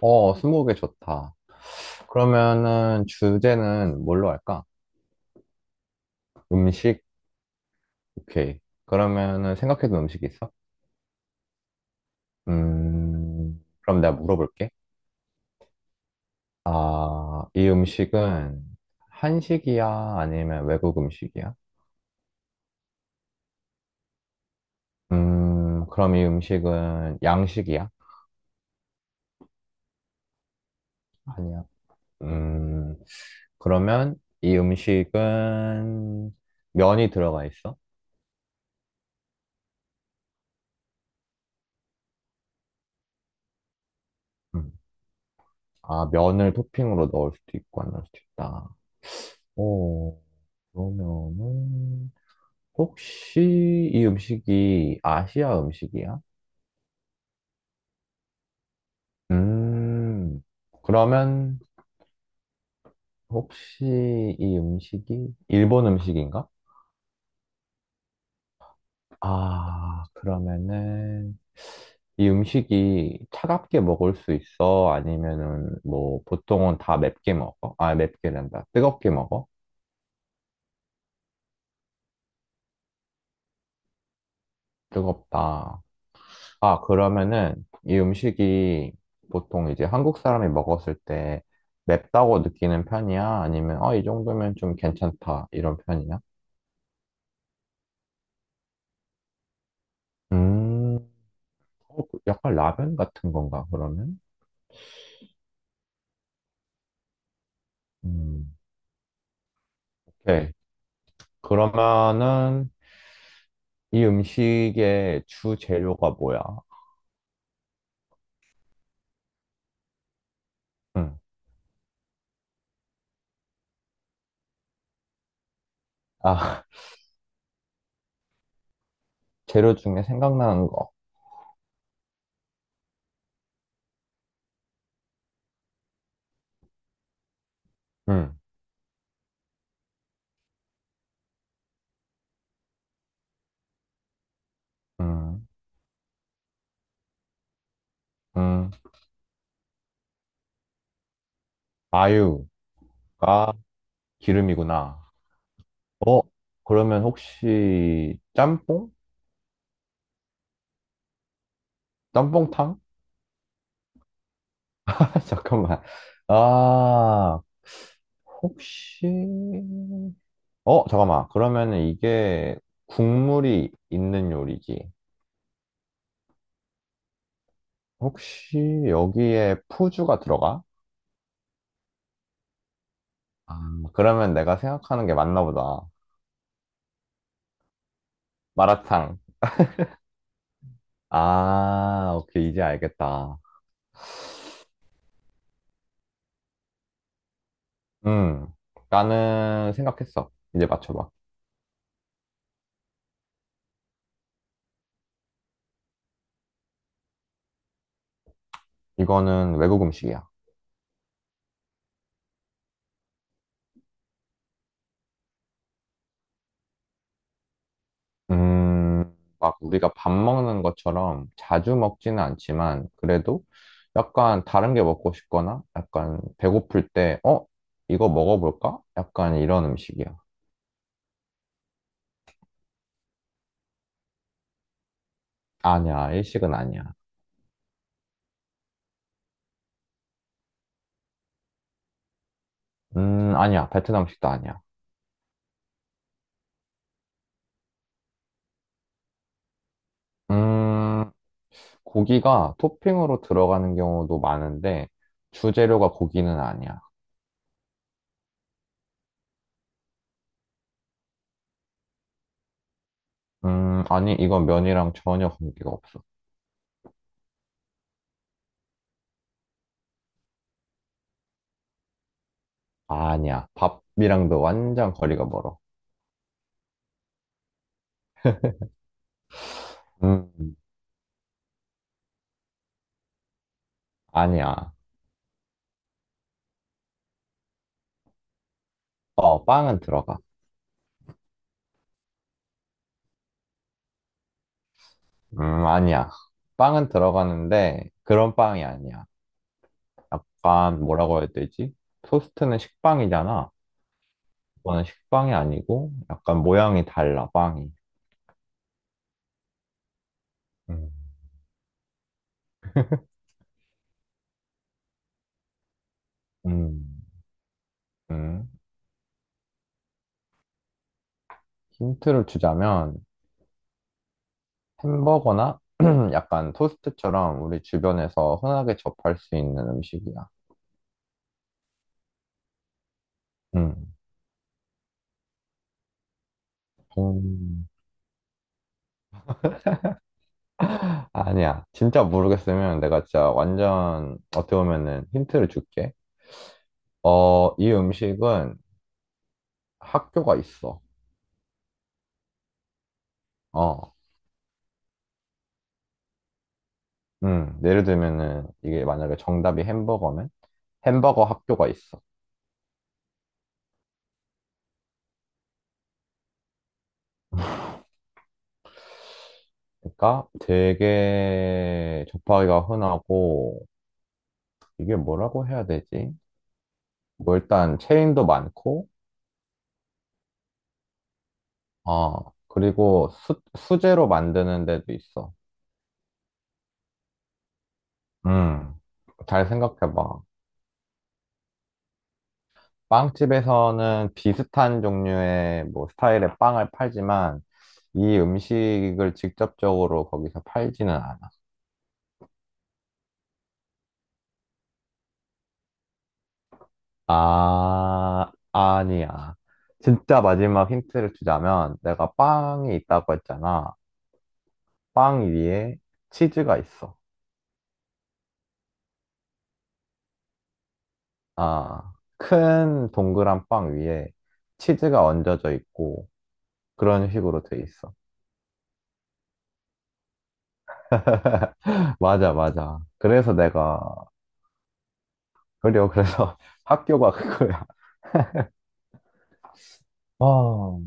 어, 스무고개 좋다. 그러면은 주제는 뭘로 할까? 음식? 오케이. 그러면은 생각해둔 음식이 있어? 그럼 내가 물어볼게. 아, 이 음식은 한식이야? 아니면 외국 음식이야? 그럼 이 음식은 양식이야? 아니야. 음, 그러면 이 음식은 면이 들어가 있어? 음. 아, 면을 토핑으로 넣을 수도 있고 안 넣을 수도 있다. 오. 그러면은 혹시 이 음식이 아시아 음식이야? 음, 그러면 혹시 이 음식이 일본 음식인가? 아, 그러면은 이 음식이 차갑게 먹을 수 있어? 아니면은 뭐 보통은 다 맵게 먹어? 아, 맵게란다. 뜨겁게 먹어? 뜨겁다. 아, 그러면은 이 음식이 보통 이제 한국 사람이 먹었을 때 맵다고 느끼는 편이야? 아니면 어, 이 정도면 좀 괜찮다 이런 편이야? 음, 어, 그 약간 라면 같은 건가, 그러면? 음, 오케이. 그러면은 이 음식의 주 재료가 뭐야? 음, 아, 재료 중에 생각나는 거. 음, 음, 음. 아유가 기름이구나. 어, 그러면 혹시 짬뽕? 짬뽕탕? 아, 잠깐만. 아, 혹시, 잠깐만. 그러면은 이게 국물이 있는 요리지. 혹시 여기에 푸주가 들어가? 아, 그러면 내가 생각하는 게 맞나 보다. 마라탕. 아, 오케이. 이제 알겠다. 음, 나는 생각했어. 이제 맞춰봐. 이거는 외국 음식이야. 막 우리가 밥 먹는 것처럼 자주 먹지는 않지만, 그래도 약간 다른 게 먹고 싶거나, 약간 배고플 때, 어? 이거 먹어볼까? 약간 이런 음식이야. 아니야, 일식은 아니야. 아니야, 베트남 음식도 아니야. 음, 고기가 토핑으로 들어가는 경우도 많은데, 주재료가 고기는 아니야. 아니, 이건 면이랑 전혀 관계가 없어. 아니야, 밥이랑도 완전 거리가 멀어. 음, 아니야. 어, 빵은 들어가. 아니야. 빵은 들어가는데 그런 빵이 아니야. 약간 뭐라고 해야 되지? 토스트는 식빵이잖아. 이거는 식빵이 아니고 약간 모양이 달라, 빵이. 음, 음, 음. 힌트를 주자면 햄버거나 약간 토스트처럼 우리 주변에서 흔하게 접할 수 있는 음식이야. 음. 음. 아니야. 진짜 모르겠으면 내가 진짜 완전 어떻게 보면은 힌트를 줄게. 어, 이 음식은 학교가 있어. 어, 예를 들면은 이게 만약에 정답이 햄버거면 햄버거 학교가 있어. 그러니까 되게 접하기가 흔하고 이게 뭐라고 해야 되지? 뭐 일단 체인도 많고, 어, 그리고 수제로 만드는 데도 있어. 음, 잘 생각해봐. 빵집에서는 비슷한 종류의 뭐 스타일의 빵을 팔지만 이 음식을 직접적으로 거기서 팔지는 않아. 아, 아니야. 진짜 마지막 힌트를 주자면 내가 빵이 있다고 했잖아. 빵 위에 치즈가 있어. 아, 큰 동그란 빵 위에 치즈가 얹어져 있고 그런 식으로 돼 있어. 맞아, 맞아. 그래서 내가, 그리고 그래서 학교가 그거야. 어.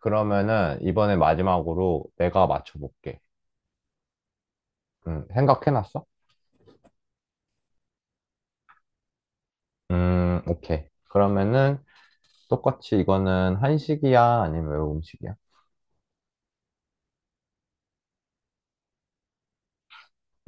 그러면은 이번에 마지막으로 내가 맞춰볼게. 생각해놨어? 오케이. 그러면은 똑같이 이거는 한식이야? 아니면 외국 음식이야?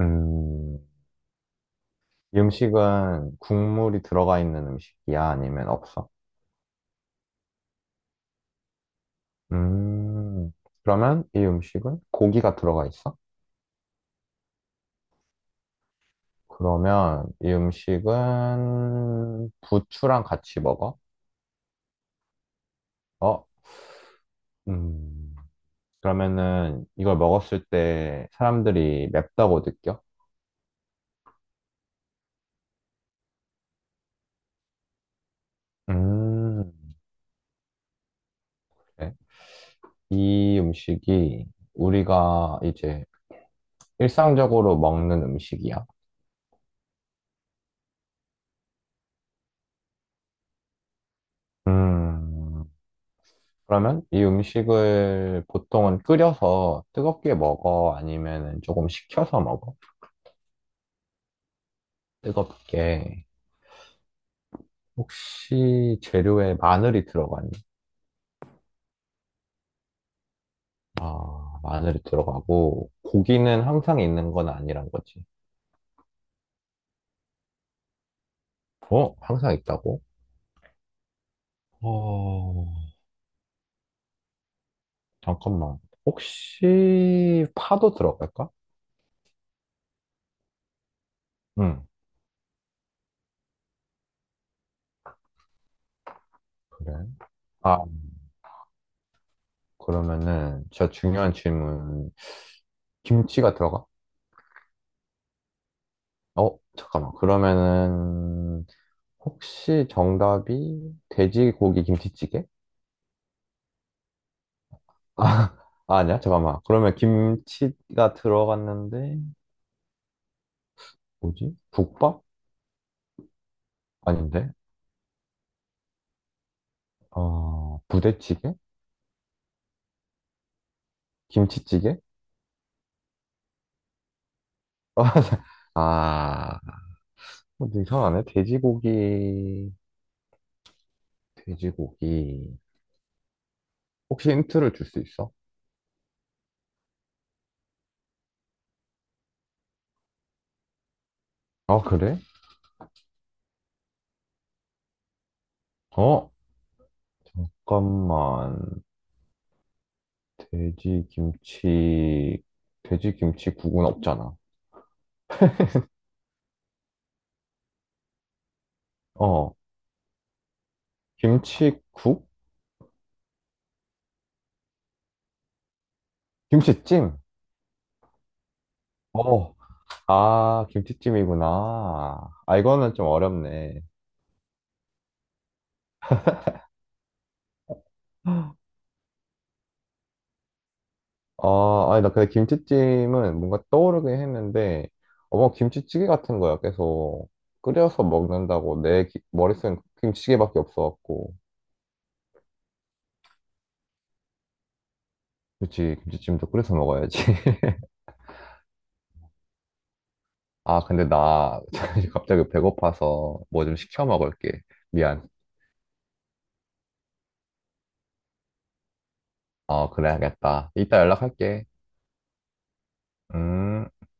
음, 이 음식은 국물이 들어가 있는 음식이야? 아니면 없어? 음, 그러면 이 음식은 고기가 들어가 있어? 그러면 이 음식은 부추랑 같이 먹어? 어? 음, 그러면은 이걸 먹었을 때 사람들이 맵다고 느껴? 음, 네. 이 음식이 우리가 이제 일상적으로 먹는 음식이야. 음, 그러면 이 음식을 보통은 끓여서 뜨겁게 먹어? 아니면 조금 식혀서 먹어? 뜨겁게. 혹시 재료에 마늘이 들어가니? 아, 마늘이 들어가고, 고기는 항상 있는 건 아니란 거지. 어? 항상 있다고? 어, 잠깐만. 혹시 파도 들어갈까? 응. 그래. 아, 그러면은 진짜 중요한 질문. 김치가 들어가? 어, 잠깐만. 그러면은 혹시 정답이 돼지고기 김치찌개? 아, 아, 아니야. 잠깐만. 그러면 김치가 들어갔는데 뭐지? 국밥? 아닌데? 어, 부대찌개? 김치찌개? 아, 뭐 이상하네. 돼지고기. 혹시 힌트를 줄 수 있어? 아, 그래? 어, 잠깐만. 돼지 김치, 돼지 김치국은 없잖아. 어, 김치국? 김치찜? 어, 아, 김치찜이구나. 아, 이거는 좀 어렵네. 아, 아니, 나 근데 김치찜은 뭔가 떠오르긴 했는데, 어머, 김치찌개 같은 거야. 계속 끓여서 먹는다고 내 머릿속엔 김치찌개밖에 없어갖고. 그치, 김치찜도 끓여서 먹어야지. 아, 근데 나 갑자기 배고파서 뭐 좀 시켜 먹을게. 미안. 어, 그래야겠다. 이따 연락할게. 음.